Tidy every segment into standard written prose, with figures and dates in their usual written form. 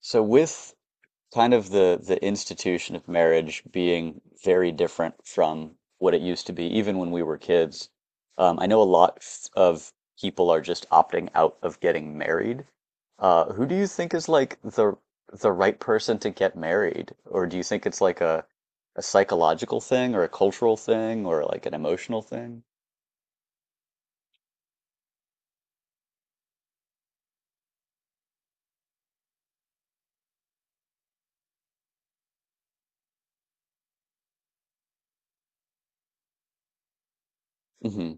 So with kind of the institution of marriage being very different from what it used to be, even when we were kids, I know a lot of people are just opting out of getting married. Who do you think is like the right person to get married? Or do you think it's like a psychological thing or a cultural thing or like an emotional thing? Hmm.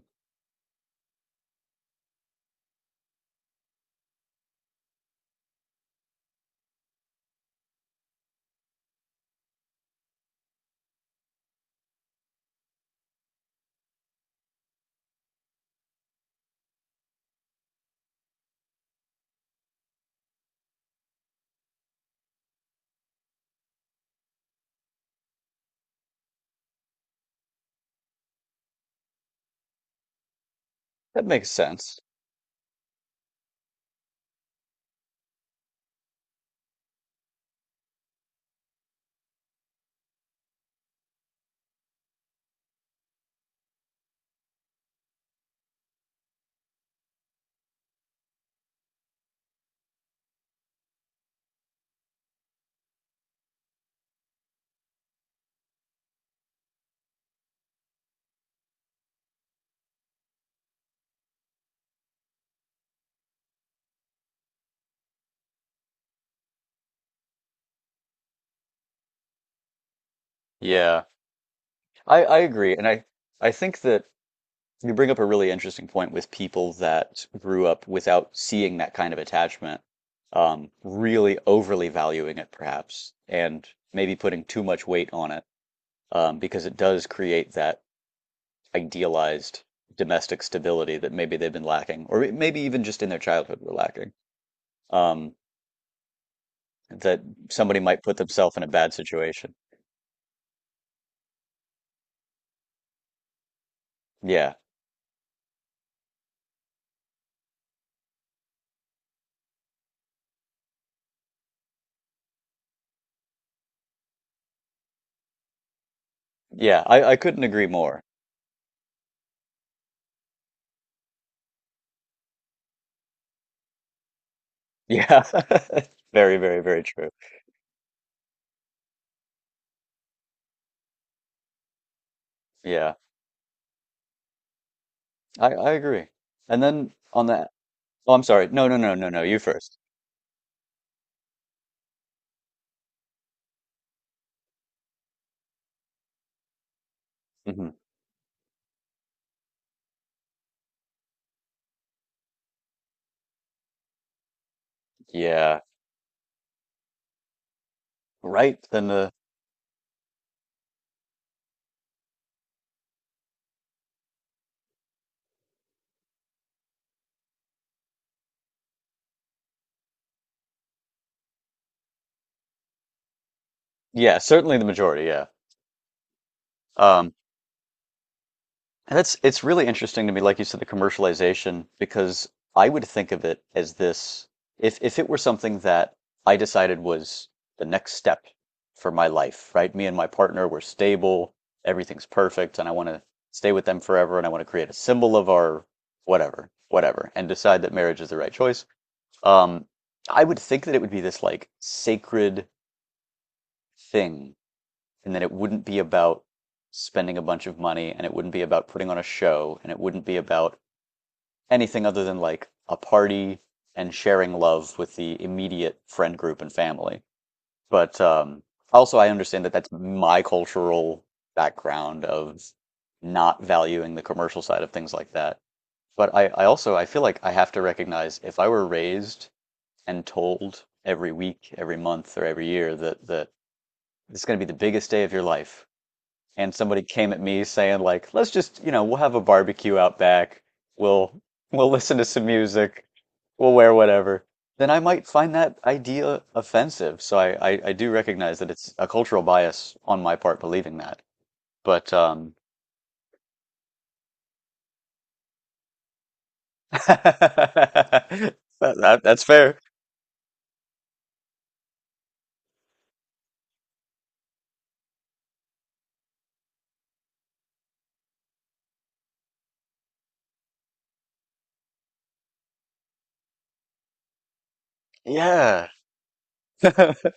That makes sense. Yeah, I agree. And I think that you bring up a really interesting point with people that grew up without seeing that kind of attachment, really overly valuing it perhaps, and maybe putting too much weight on it, because it does create that idealized domestic stability that maybe they've been lacking, or maybe even just in their childhood were lacking. Um, that somebody might put themselves in a bad situation. Yeah. Yeah, I couldn't agree more. Yeah. Very, very, very true. Yeah. I agree. And then on the, oh, I'm sorry. No, no, no, no, no. You 1st. Hmm. Yeah. Right. Then the, yeah, certainly the majority. Yeah. Um, and that's it's really interesting to me, like you said, the commercialization, because I would think of it as this, if it were something that I decided was the next step for my life, right? Me and my partner, we're stable, everything's perfect, and I want to stay with them forever, and I want to create a symbol of our whatever, whatever, and decide that marriage is the right choice. Um, I would think that it would be this like sacred thing, and that it wouldn't be about spending a bunch of money, and it wouldn't be about putting on a show, and it wouldn't be about anything other than like a party and sharing love with the immediate friend group and family. But also, I understand that that's my cultural background of not valuing the commercial side of things like that. But I also I feel like I have to recognize if I were raised and told every week, every month, or every year that it's going to be the biggest day of your life. And somebody came at me saying like, "Let's just, you know, we'll have a barbecue out back. We'll we'll listen to some music. We'll wear whatever." Then I might find that idea offensive. So I do recognize that it's a cultural bias on my part believing that. But um, that, that's fair. Yeah.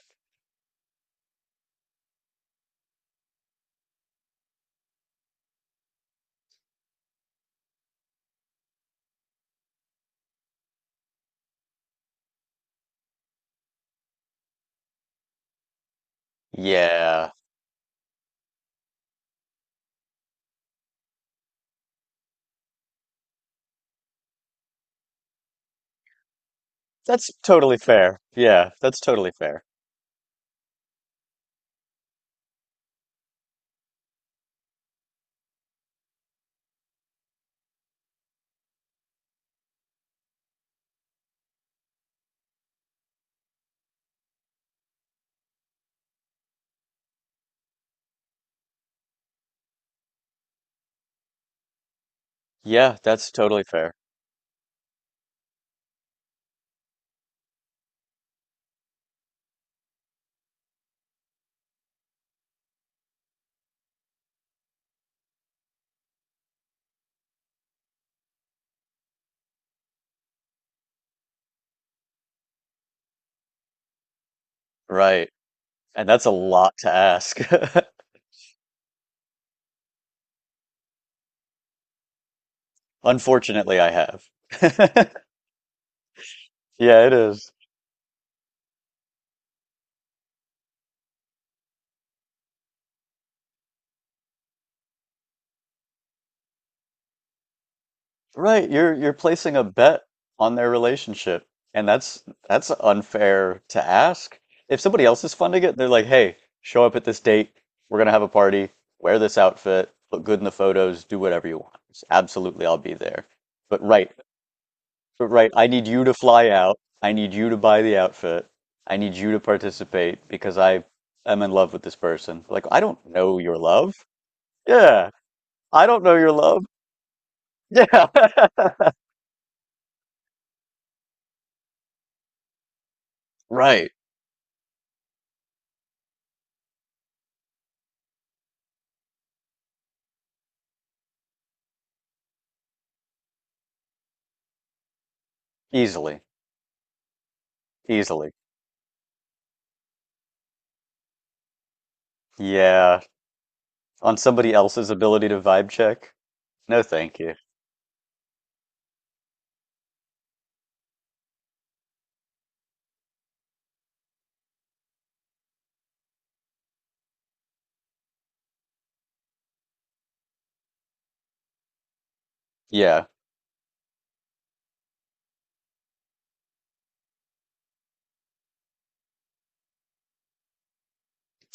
Yeah. That's totally fair. Yeah, that's totally fair. Yeah, that's totally fair. Right. And that's a lot to ask. Unfortunately, I have. Yeah, it is. Right, you're placing a bet on their relationship, and that's unfair to ask. If somebody else is funding it, they're like, "Hey, show up at this date. We're gonna have a party. Wear this outfit. Look good in the photos. Do whatever you want. Absolutely, I'll be there." But right, but right, I need you to fly out. I need you to buy the outfit. I need you to participate because I am in love with this person. Like, I don't know your love. Yeah. I don't know your love. Yeah. Right. Easily. Easily. Yeah. On somebody else's ability to vibe check? No, thank you. Yeah.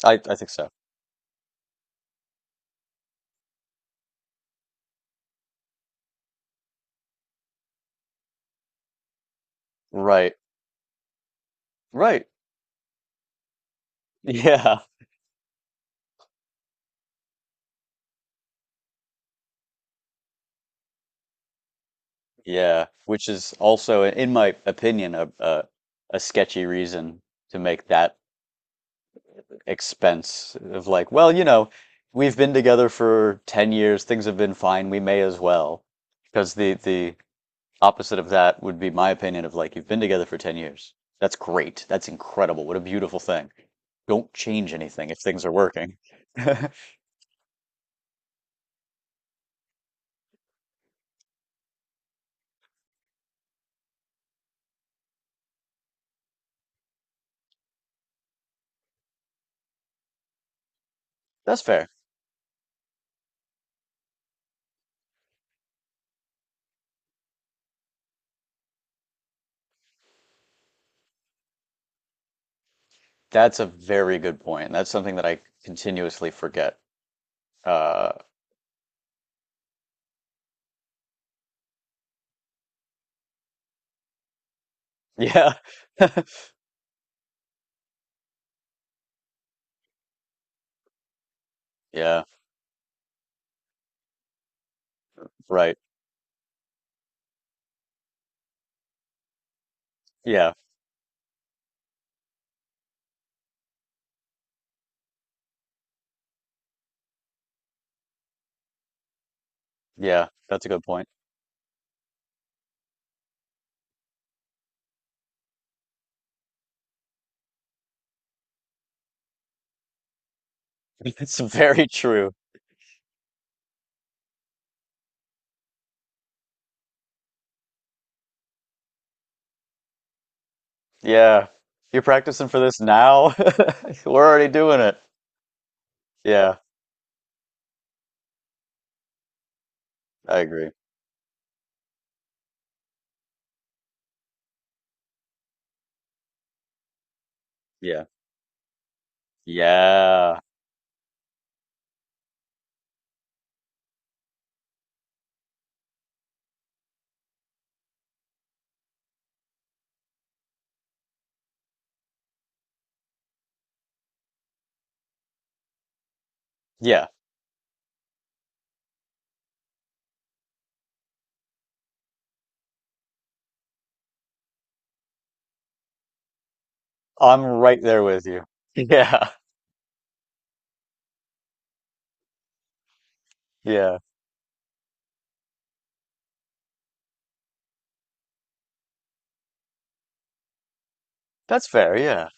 I think so. Right. Right. Yeah. Yeah. Which is also, in my opinion, a sketchy reason to make that expense of like, well, you know, we've been together for 10 years, things have been fine, we may as well. Because the opposite of that would be my opinion of like, you've been together for 10 years. That's great. That's incredible. What a beautiful thing. Don't change anything if things are working. That's fair. That's a very good point. That's something that I continuously forget. Uh, yeah. Yeah, right. Yeah. Yeah, that's a good point. It's very true. Yeah. You're practicing for this now? We're already doing it. Yeah, I agree. Yeah. Yeah. Yeah. I'm right there with you. Yeah. Yeah. That's fair. Yeah.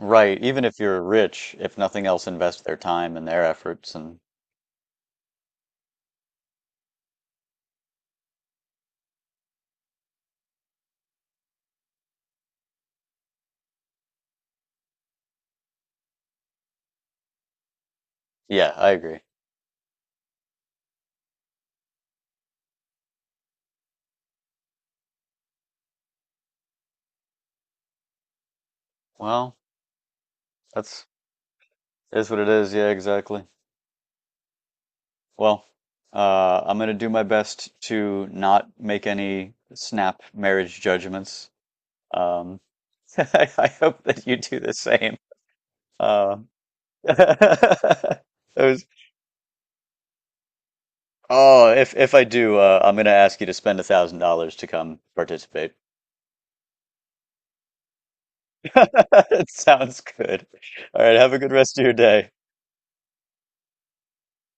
Right. Even if you're rich, if nothing else, invest their time and their efforts. And yeah, I agree. Well, that's is what it is. Yeah, exactly. Well, I'm gonna do my best to not make any snap marriage judgments. Um, I hope that you do the same. Uh, it was, oh, if I do, I'm gonna ask you to spend $1,000 to come participate. It sounds good. All right, have a good rest of your day.